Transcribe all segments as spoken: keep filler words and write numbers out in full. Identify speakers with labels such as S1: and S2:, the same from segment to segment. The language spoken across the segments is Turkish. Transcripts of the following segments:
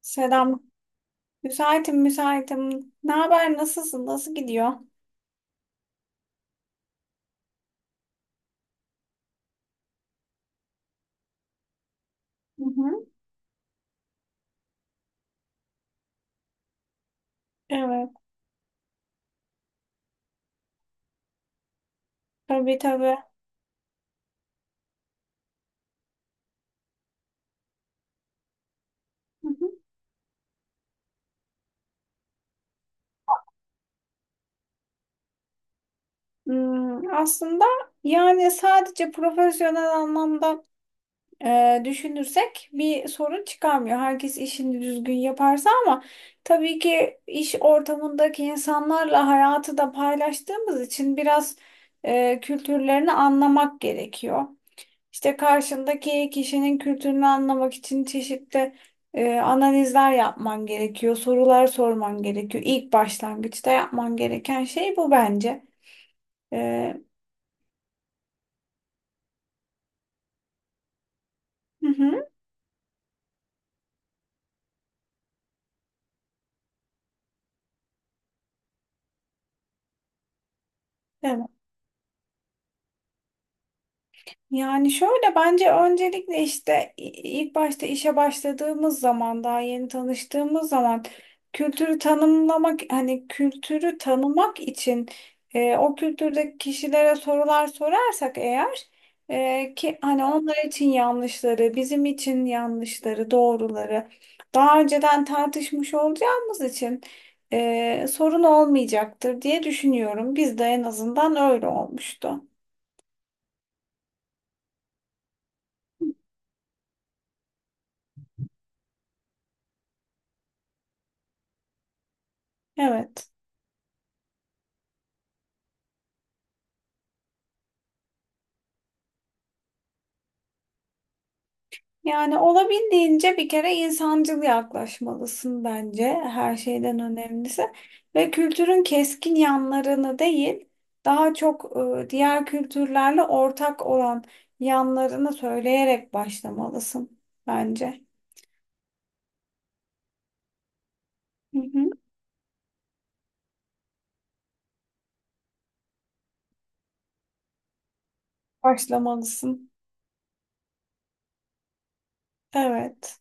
S1: Selam. Müsaitim, müsaitim. Ne haber? Nasılsın? Nasıl gidiyor? Hı hı. Evet, tabii tabii. Hı hı. Hmm, aslında yani sadece profesyonel anlamda e, düşünürsek bir sorun çıkarmıyor. Herkes işini düzgün yaparsa ama tabii ki iş ortamındaki insanlarla hayatı da paylaştığımız için biraz e, kültürlerini anlamak gerekiyor. İşte karşındaki kişinin kültürünü anlamak için çeşitli e, analizler yapman gerekiyor, sorular sorman gerekiyor. İlk başlangıçta yapman gereken şey bu bence. E, hı hı, evet. Yani şöyle bence öncelikle işte i- ilk başta işe başladığımız zaman daha yeni tanıştığımız zaman kültürü tanımlamak hani kültürü tanımak için e, o kültürdeki kişilere sorular sorarsak eğer e, ki hani onlar için yanlışları bizim için yanlışları doğruları daha önceden tartışmış olacağımız için e, sorun olmayacaktır diye düşünüyorum. Bizde en azından öyle olmuştu. Evet. Yani olabildiğince bir kere insancıl yaklaşmalısın bence her şeyden önemlisi. Ve kültürün keskin yanlarını değil, daha çok e, diğer kültürlerle ortak olan yanlarını söyleyerek başlamalısın bence. Hı hı. Başlamalısın. Evet.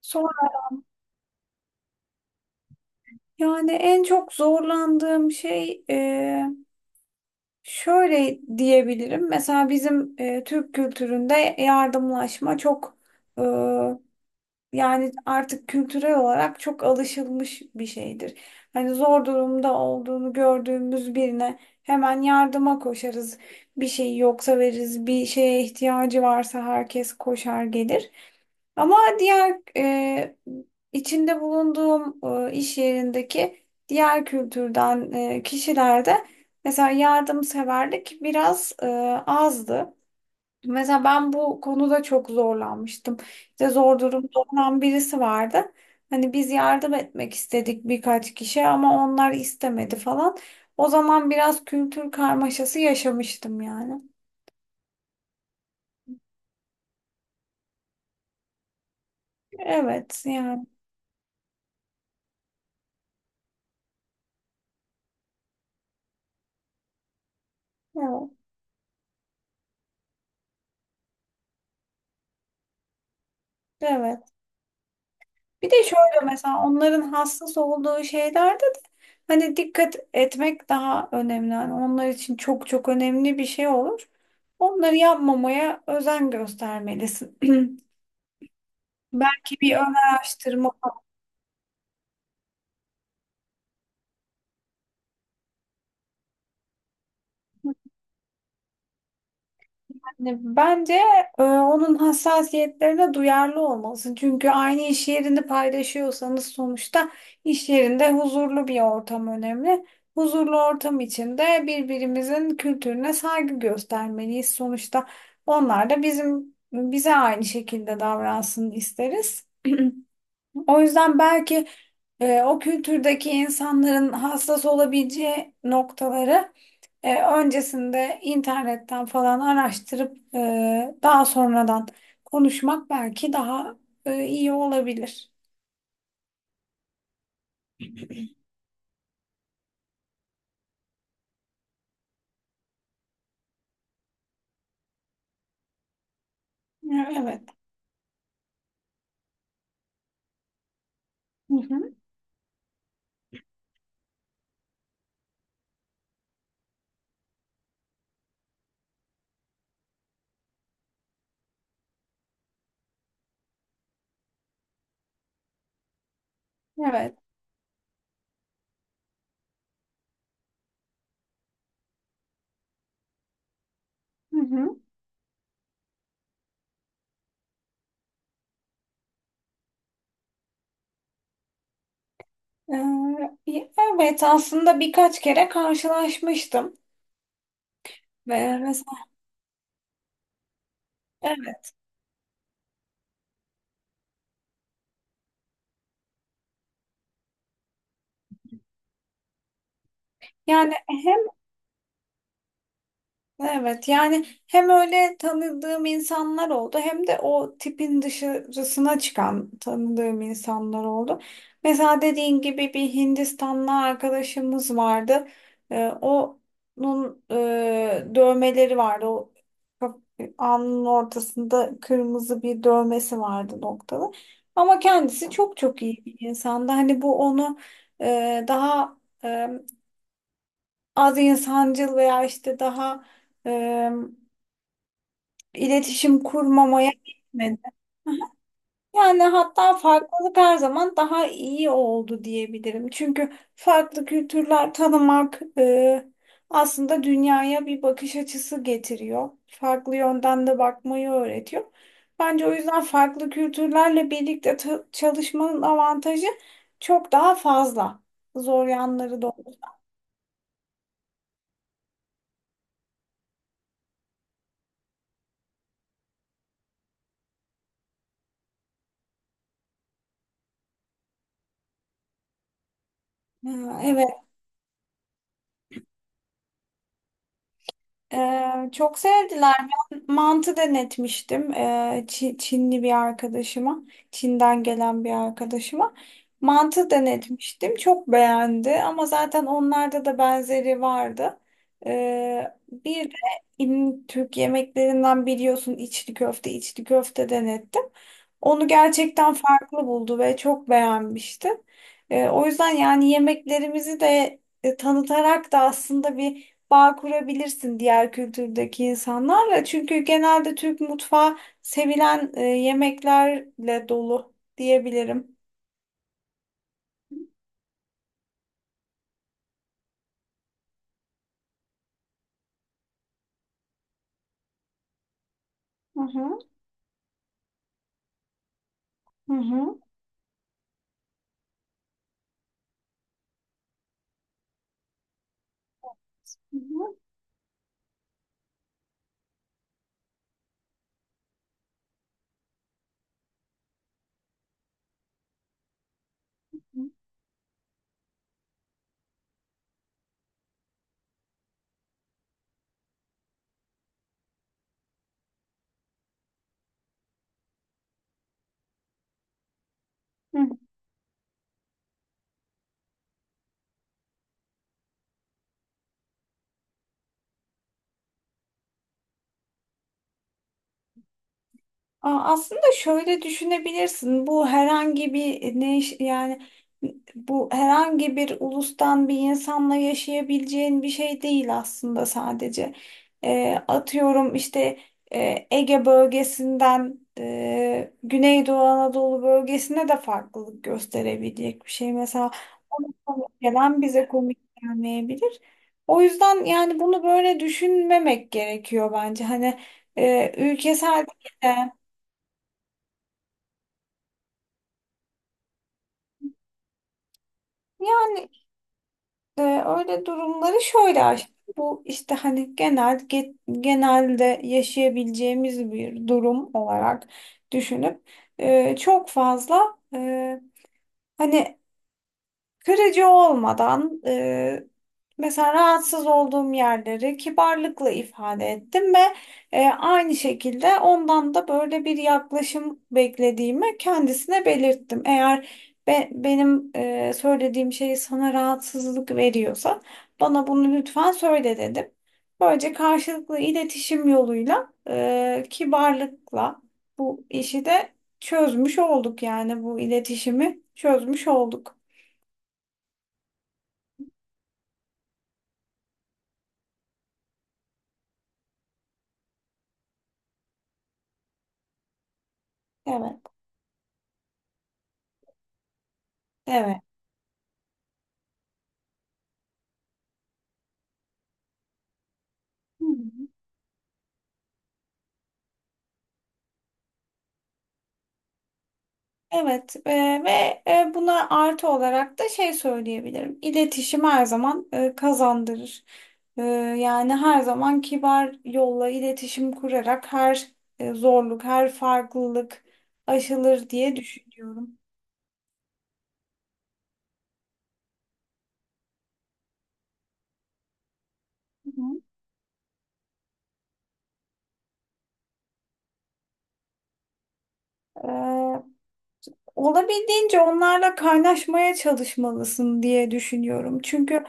S1: Sonra yani en çok zorlandığım şey e, şöyle diyebilirim. Mesela bizim e, Türk kültüründe yardımlaşma çok. Yani artık kültürel olarak çok alışılmış bir şeydir. Hani zor durumda olduğunu gördüğümüz birine hemen yardıma koşarız. Bir şey yoksa veririz, bir şeye ihtiyacı varsa herkes koşar gelir. Ama diğer e, içinde bulunduğum e, iş yerindeki diğer kültürden e, kişilerde mesela yardımseverlik biraz e, azdı. Mesela ben bu konuda çok zorlanmıştım. İşte zor durumda olan birisi vardı. Hani biz yardım etmek istedik birkaç kişi ama onlar istemedi falan. O zaman biraz kültür karmaşası yaşamıştım yani. Evet yani. Evet. Evet. Bir de şöyle mesela onların hassas olduğu şeylerde de hani dikkat etmek daha önemli. Hani onlar için çok çok önemli bir şey olur. Onları yapmamaya özen göstermelisin. Belki bir ön araştırma falan. Hani bence e, onun hassasiyetlerine duyarlı olmalısın. Çünkü aynı iş yerini paylaşıyorsanız sonuçta iş yerinde huzurlu bir ortam önemli. Huzurlu ortam içinde birbirimizin kültürüne saygı göstermeliyiz. Sonuçta onlar da bizim bize aynı şekilde davransın isteriz. O yüzden belki e, o kültürdeki insanların hassas olabileceği noktaları. E, öncesinde internetten falan araştırıp e, daha sonradan konuşmak belki daha e, iyi olabilir. E, Evet. Hı hı. Evet. Hı hı. E, evet aslında birkaç kere karşılaşmıştım. Ve mesela evet. Yani evet yani hem öyle tanıdığım insanlar oldu hem de o tipin dışarısına çıkan tanıdığım insanlar oldu. Mesela dediğin gibi bir Hindistanlı arkadaşımız vardı. Ee, onun e, dövmeleri vardı. O kaf- alnının ortasında kırmızı bir dövmesi vardı noktalı. Ama kendisi çok çok iyi bir insandı. Hani bu onu e, daha e, az insancıl veya işte daha e, iletişim kurmamaya gitmedi. Yani hatta farklılık her zaman daha iyi oldu diyebilirim. Çünkü farklı kültürler tanımak e, aslında dünyaya bir bakış açısı getiriyor. Farklı yönden de bakmayı öğretiyor. Bence o yüzden farklı kültürlerle birlikte ta- çalışmanın avantajı çok daha fazla. Zor yanları da. Ha, evet. Ee, çok sevdiler. Ben mantı denetmiştim ee, Çi- Çinli bir arkadaşıma. Çin'den gelen bir arkadaşıma. Mantı denetmiştim. Çok beğendi ama zaten onlarda da benzeri vardı. Ee, bir de im- Türk yemeklerinden biliyorsun içli köfte, içli köfte denettim. Onu gerçekten farklı buldu ve çok beğenmişti. Ee, o yüzden yani yemeklerimizi de e, tanıtarak da aslında bir bağ kurabilirsin diğer kültürdeki insanlarla. Çünkü genelde Türk mutfağı sevilen e, yemeklerle dolu diyebilirim. Hı hı. Hı hı. Hı hı. Hı hı. Aa, aslında şöyle düşünebilirsin. Bu herhangi bir e, ne iş- yani bu herhangi bir ulustan bir insanla yaşayabileceğin bir şey değil aslında sadece. Ee, atıyorum işte e, Ege bölgesinden e, Güneydoğu Anadolu bölgesine de farklılık gösterebilecek bir şey. Mesela ona komik gelen bize komik gelmeyebilir. O yüzden yani bunu böyle düşünmemek gerekiyor bence. Hani e, ülkesel. Yani e, öyle durumları şöyle aşkım. Bu işte hani genel ge- genelde yaşayabileceğimiz bir durum olarak düşünüp e, çok fazla e, hani kırıcı olmadan e, mesela rahatsız olduğum yerleri kibarlıkla ifade ettim ve e, aynı şekilde ondan da böyle bir yaklaşım beklediğimi kendisine belirttim. Eğer be- benim e, söylediğim şey sana rahatsızlık veriyorsa bana bunu lütfen söyle dedim. Böylece karşılıklı iletişim yoluyla e, kibarlıkla bu işi de çözmüş olduk yani bu iletişimi çözmüş olduk. Evet. Evet. Hı hı. Evet e, ve e, buna artı olarak da şey söyleyebilirim. İletişim her zaman e, kazandırır. E, yani her zaman kibar yolla iletişim kurarak her e, zorluk, her farklılık aşılır diye düşünüyorum. Hı hı. E, olabildiğince onlarla kaynaşmaya çalışmalısın diye düşünüyorum. Çünkü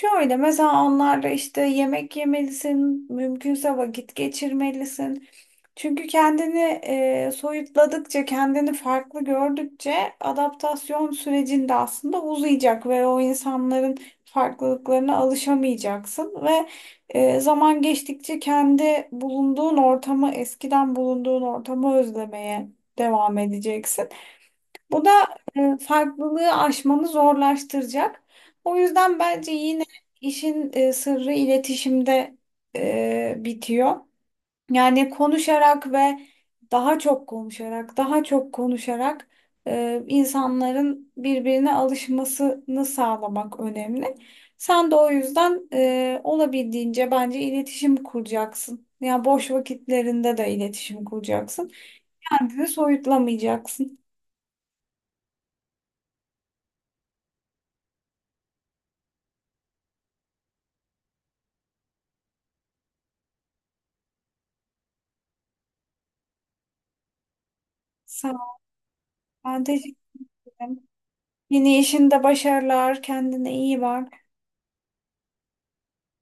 S1: şöyle mesela onlarla işte yemek yemelisin, mümkünse vakit geçirmelisin. Çünkü kendini e, soyutladıkça, kendini farklı gördükçe adaptasyon sürecinde aslında uzayacak ve o insanların farklılıklarına alışamayacaksın ve e, zaman geçtikçe kendi bulunduğun ortamı, eskiden bulunduğun ortamı özlemeye devam edeceksin. Bu da e, farklılığı aşmanı zorlaştıracak. O yüzden bence yine işin e, sırrı iletişimde e, bitiyor. Yani konuşarak ve daha çok konuşarak, daha çok konuşarak e, insanların birbirine alışmasını sağlamak önemli. Sen de o yüzden e, olabildiğince bence iletişim kuracaksın. Yani boş vakitlerinde de iletişim kuracaksın. Kendini soyutlamayacaksın. Sağ ol. Ben teşekkür. Yeni işinde başarılar, kendine iyi bak.